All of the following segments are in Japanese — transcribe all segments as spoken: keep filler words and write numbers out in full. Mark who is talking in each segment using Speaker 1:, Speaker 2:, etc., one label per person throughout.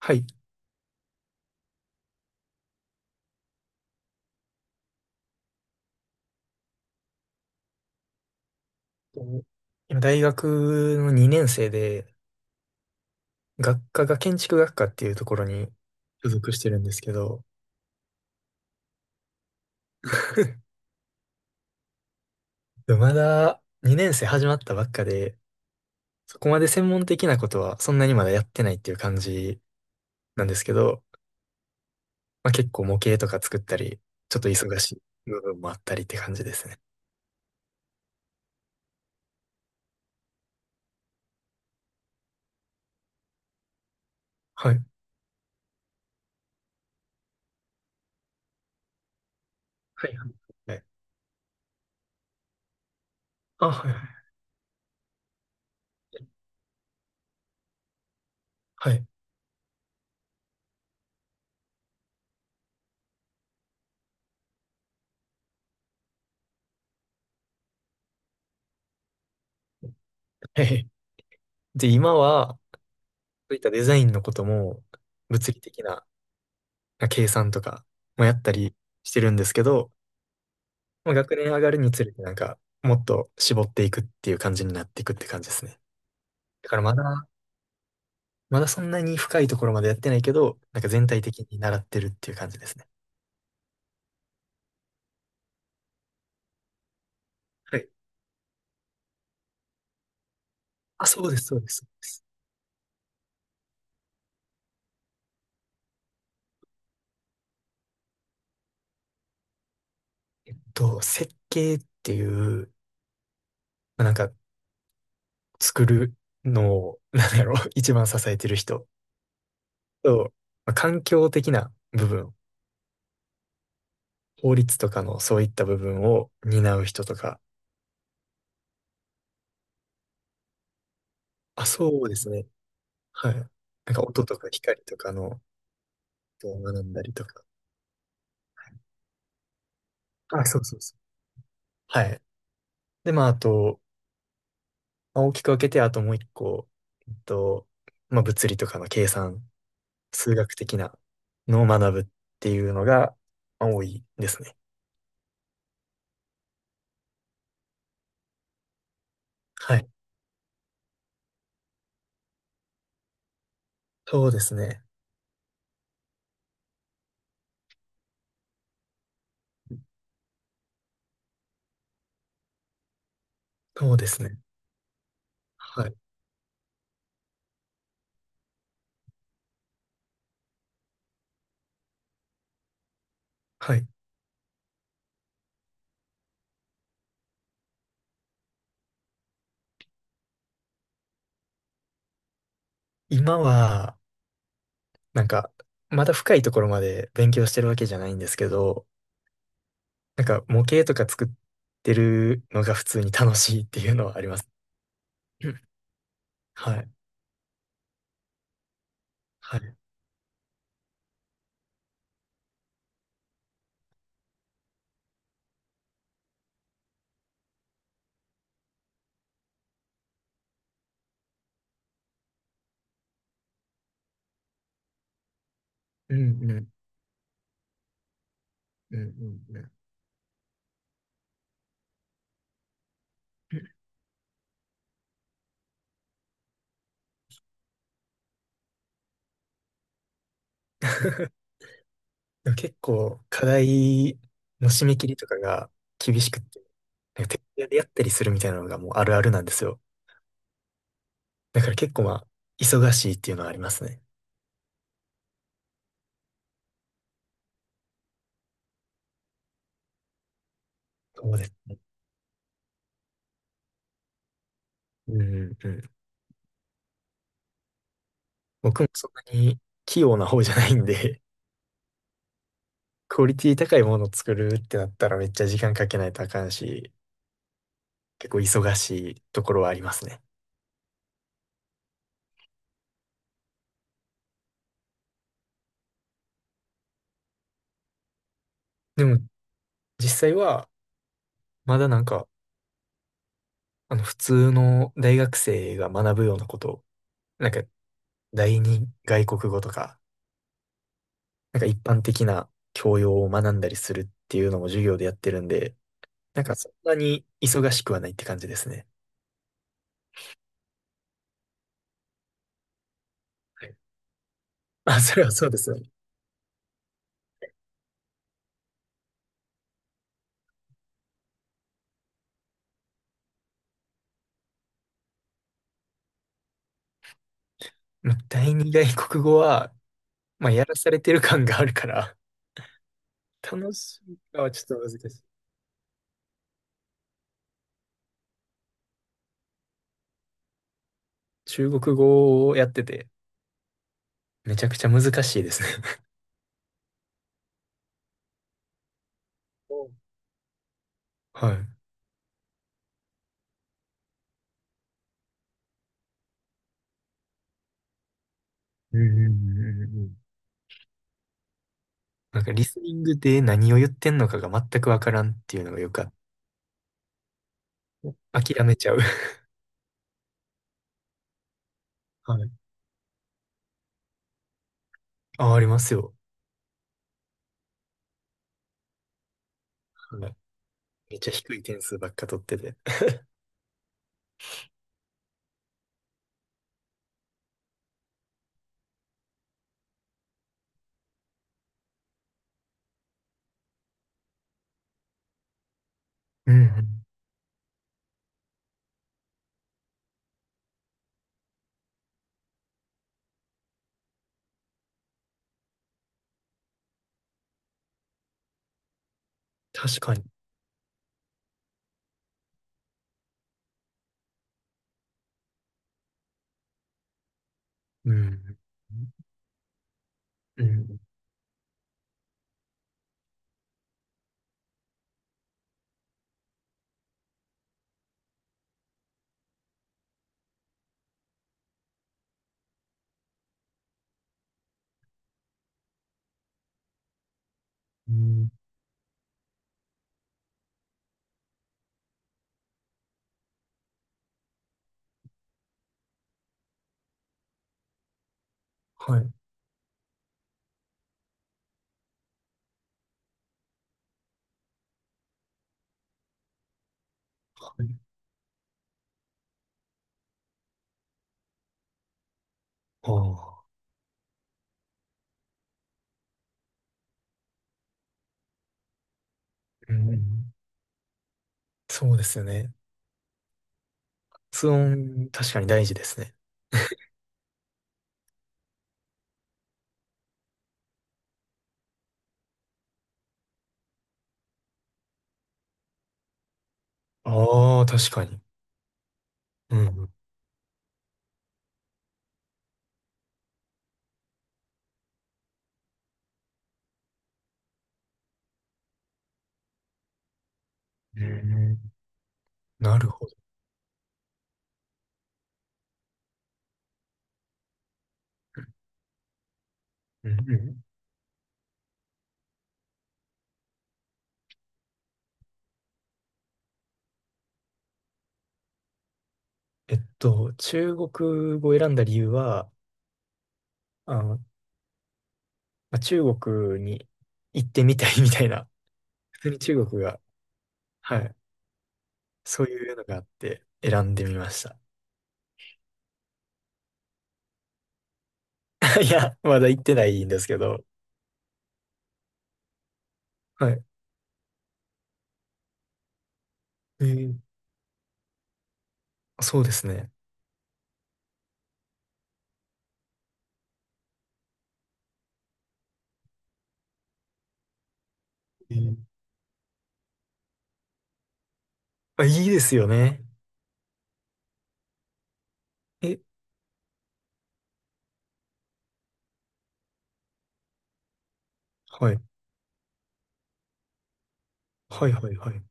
Speaker 1: はい。今、大学のにねん生で、学科が建築学科っていうところに所属してるんですけど、でもまだにねん生始まったばっかで、そこまで専門的なことはそんなにまだやってないっていう感じなんですけど、まあ、結構模型とか作ったり、ちょっと忙しい部分もあったりって感じですね。はい。はいはいはい。あ、はいはい。はい。はい。で、今は、そういったデザインのことも、物理的なまあ計算とかもやったりしてるんですけど、まあ、学年上がるにつれてなんか、もっと絞っていくっていう感じになっていくって感じですね。だからまだ、まだそんなに深いところまでやってないけど、なんか全体的に習ってるっていう感じですね。はい。あ、そうです、そうです。そうです。と、設計っていう、まあ、なんか作るのを、なんだろう、一番支えてる人と、まあ、環境的な部分、法律とかのそういった部分を担う人とか、あ、そうですね。はい。なんか音とか光とかのことを学んだりとか。あ、そうそうそう。はい。で、まあ、あと、まあ、大きく分けて、あともう一個、えっと、まあ、物理とかの計算、数学的なのを学ぶっていうのが、まあ多いですね。はい。そうですね。そうですね。はい。はい。今は、なんか、まだ深いところまで勉強してるわけじゃないんですけど、なんか模型とか作ってるのが普通に楽しいっていうのはあります。うん。はい。はい。うんうんうんうんうん。でも結構課題の締め切りとかが厳しくって、なんか徹夜でやったりするみたいなのがもうあるあるなんですよ。だから結構まあ、忙しいっていうのはありますね。そうですね。うんうんうん。僕もそんなに器用な方じゃないんで、クオリティ高いものを作るってなったらめっちゃ時間かけないとあかんし、結構忙しいところはありますね。でも実際はまだなんか、あの普通の大学生が学ぶようなことなんか、第二外国語とか、なんか一般的な教養を学んだりするっていうのも授業でやってるんで、なんかそんなに忙しくはないって感じですね。はい。あ、それはそうですね。まあ第二外国語は、まあ、やらされてる感があるから、楽しいかはちょっと難しい。中国語をやってて、めちゃくちゃ難しいですね。お、はい。うんうんうんうんうん。なんかリスニングで何を言ってんのかが全くわからんっていうのがよく、あ、諦めちゃう。はい。あ、ありますよ。はい。めっちゃ低い点数ばっか取ってて。うん。確かに。うん。うん。うん。はい。はい。ああ。うん。そうですよね。発音、確かに大事ですね。ああ、確かに。うん。うん。なるほど。うん。うん。えっと、中国語を選んだ理由は、あの、まあ中国に行ってみたいみたいな、普通に中国が、はい、そういうのがあって選んでみました。いや、まだ行ってないんですけど、はい。えー、そうですね。えー、あ、いいですよね。え、はい。はいはいはい。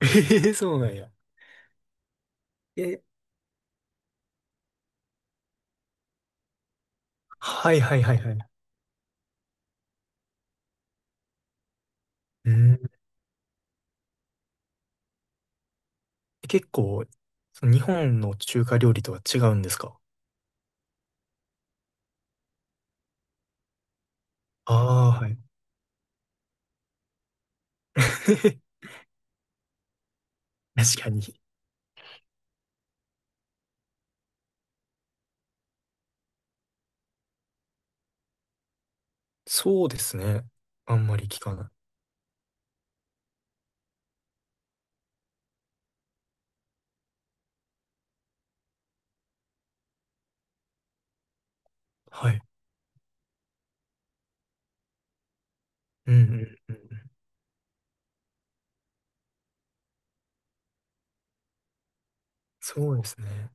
Speaker 1: えー、そうなんや。え、はいはいはいはい。うん。結構、その日本の中華料理とは違うんですか？ああー、はい。確かに。そうですね。あんまり聞かない。はい。うんうんうんうん。そうですね。